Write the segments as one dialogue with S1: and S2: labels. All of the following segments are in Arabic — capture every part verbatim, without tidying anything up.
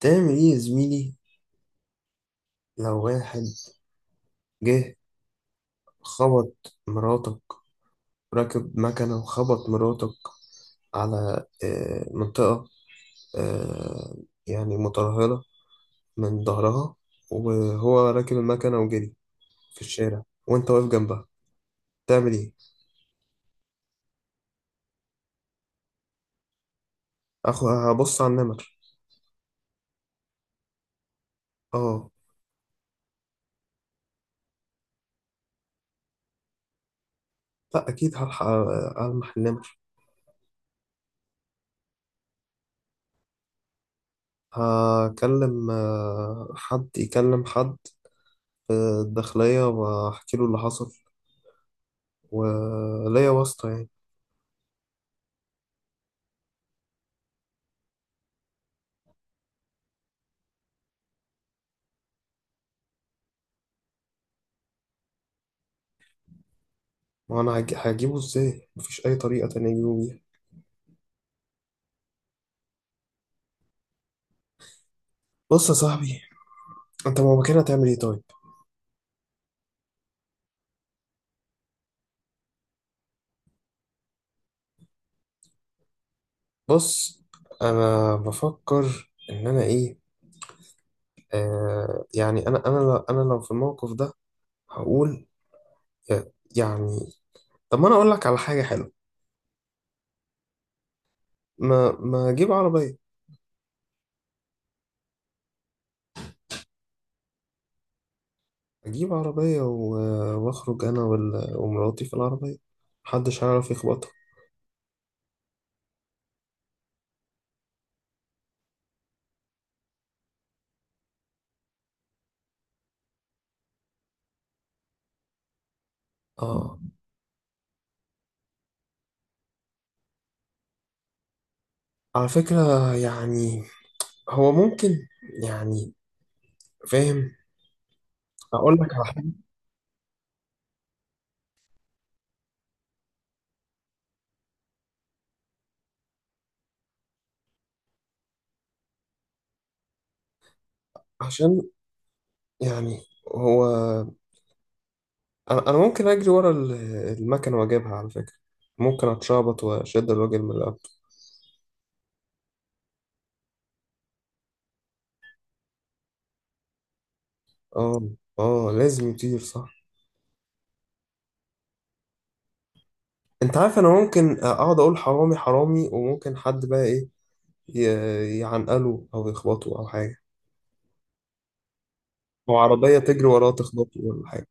S1: تعمل ايه يا زميلي؟ لو واحد جه خبط مراتك، راكب مكنة وخبط مراتك على آه، منطقة آه، يعني مترهلة من ظهرها، وهو راكب المكنة وجري في الشارع وانت واقف جنبها، تعمل ايه؟ اخو هبص على النمر. اه. لا اكيد هلحق آه، المح النمر. هكلم آه، حد، يكلم حد في الداخلية واحكي له اللي حصل، وليا واسطة يعني. ما انا هج- هجيبه، ازاي؟ مفيش اي طريقه تانية اجيبه بيها. بص يا صاحبي، انت ما مكانها هتعمل ايه طيب؟ بص، انا بفكر ان انا ايه، آه يعني انا انا لو انا لو في الموقف ده هقول يا- يعني طب ما انا اقول لك على حاجه حلوه. ما ما اجيب عربيه. اجيب عربيه و- واخرج انا وال- ومراتي في العربيه، محدش هيعرف يخبطها. اه، على فكره يعني هو ممكن، يعني فاهم. اقول لك على حاجه، عشان يعني هو، انا أنا ممكن اجري ورا ال- المكنه واجيبها على فكره. ممكن اتشعبط واشد الراجل من القبل. اه، اه، لازم يطير صح. انت عارف، انا ممكن اقعد اقول حرامي حرامي، وممكن حد بقى ايه، ي- يعنقله او يخبطه او حاجه، او عربيه تجري وراه تخبطه ولا حاجه.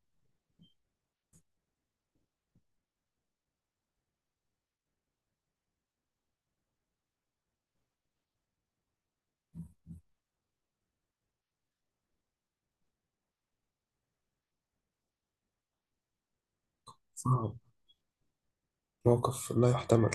S1: صعب، موقف لا يحتمل.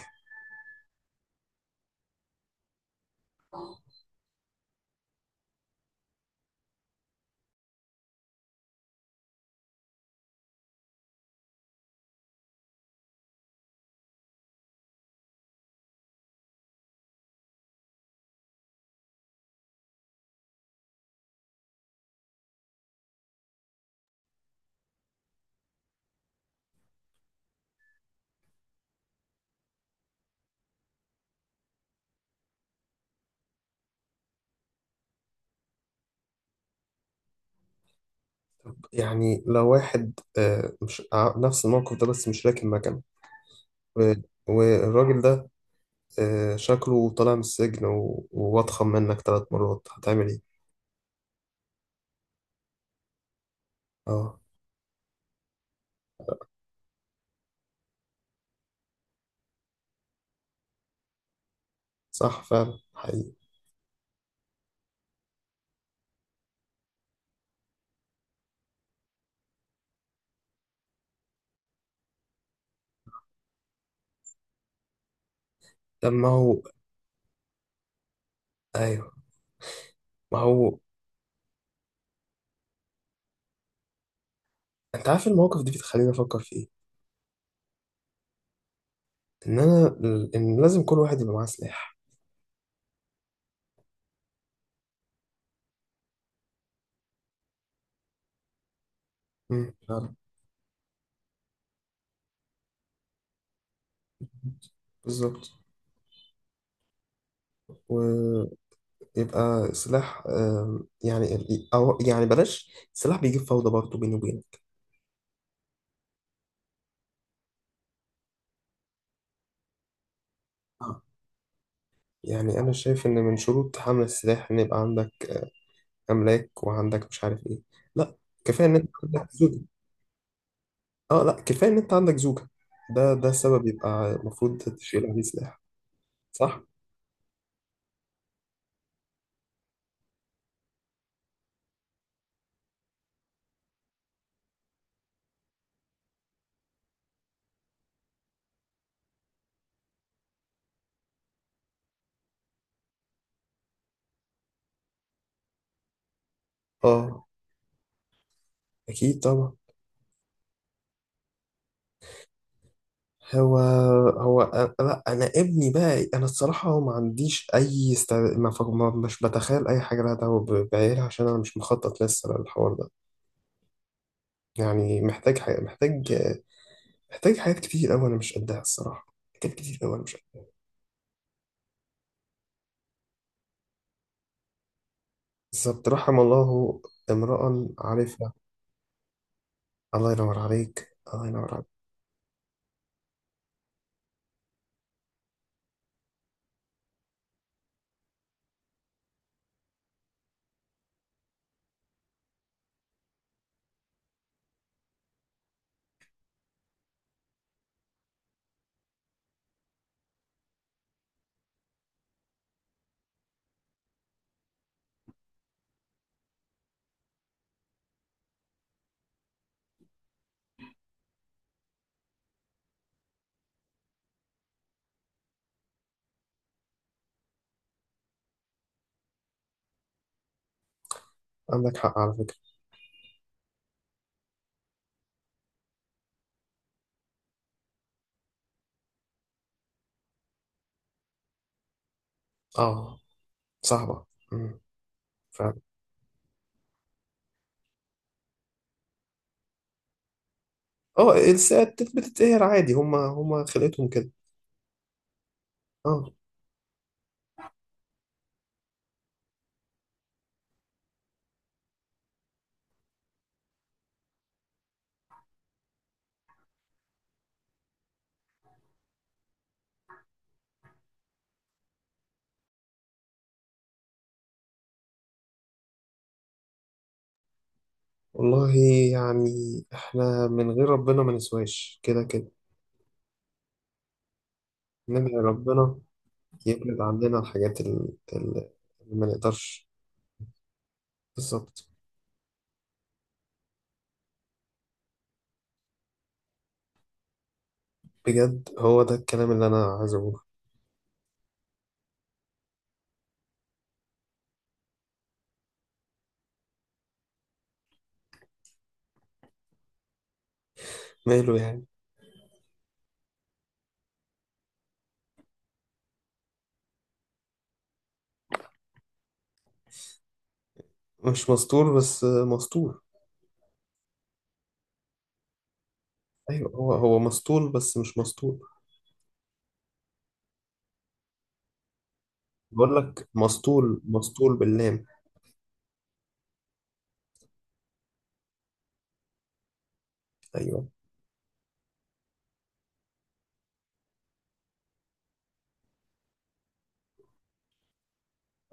S1: يعني لو واحد آه، مش ع- نفس الموقف ده، بس مش راكب مكنه، و- والراجل ده آه، شكله طالع من السجن و- وأضخم منك ثلاث مرات، هتعمل إيه؟ آه، صح فعلا، حقيقي. طب ما هو، أيوه، ما هو. أنت عارف المواقف دي بتخليني أفكر في إيه؟ إن أنا، إن لازم كل واحد يبقى معاه سلاح. مم، فعلا. بالظبط. ويبقى سلاح. آم، يعني ال- أو يعني بلاش سلاح، بيجيب فوضى برضه بيني وبينك. آه. يعني أنا شايف إن من شروط حمل السلاح إن يبقى عندك أملاك، وعندك مش عارف إيه. لا، كفاية إن أنت عندك. اه، لا، كفايه ان انت عندك زوكا. ده ده السبب يبقى المفروض تشيل عليه سلاح. صح. اه، اكيد طبعا. هو هو أ- لا، انا ابني بقى، انا الصراحه ما عنديش اي است... ما ف... ما مش بتخيل اي حاجه لها دعوه ب- بعيالها، عشان انا مش مخطط لسه للحوار ده. يعني محتاج حاجة، محتاج محتاج حاجات كتير قوي انا مش قدها الصراحه. حاجات كتير قوي انا مش قدها. بالظبط، رحم الله امرأ عارفها. الله ينور عليك، الله ينور عليك. عندك حق على فكره. اه، صعبة. مم. فعلا. اه، الساعات بتتقهر عادي، هما هما خلقتهم كده. اه، والله يعني احنا من غير ربنا ما نسواش كده كده. انما ربنا يبعد عننا الحاجات ال- ال- اللي ما نقدرش. بالظبط. بجد، هو ده الكلام اللي انا عايز اقوله. ماله يعني؟ مش مسطول بس مسطول. ايوه، هو هو مسطول بس مش مسطول. بقول لك مسطول، مسطول باللام. ايوه.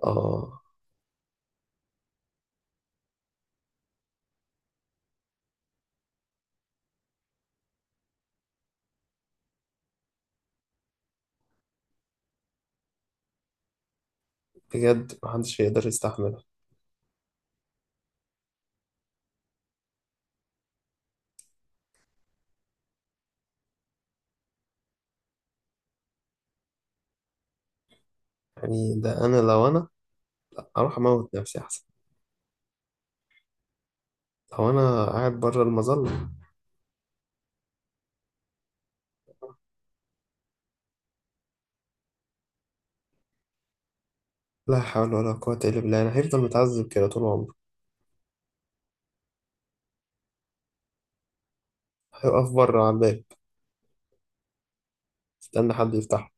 S1: اه. بجد محدش هيقدر يستحمل. يعني ده انا لو انا اروح اموت نفسي احسن، لو انا قاعد بره المظله. لا حول ولا قوه الا بالله، انا هيفضل متعذب كده طول عمره. هيقف بره على الباب، استنى حد يفتحه.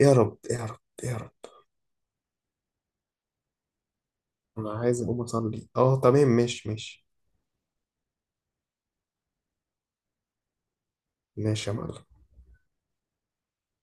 S1: يا رب، يا رب، يا رب. انا عايز اقوم اصلي، اه، تمام، ماشي ماشي. ماشي يا معلم.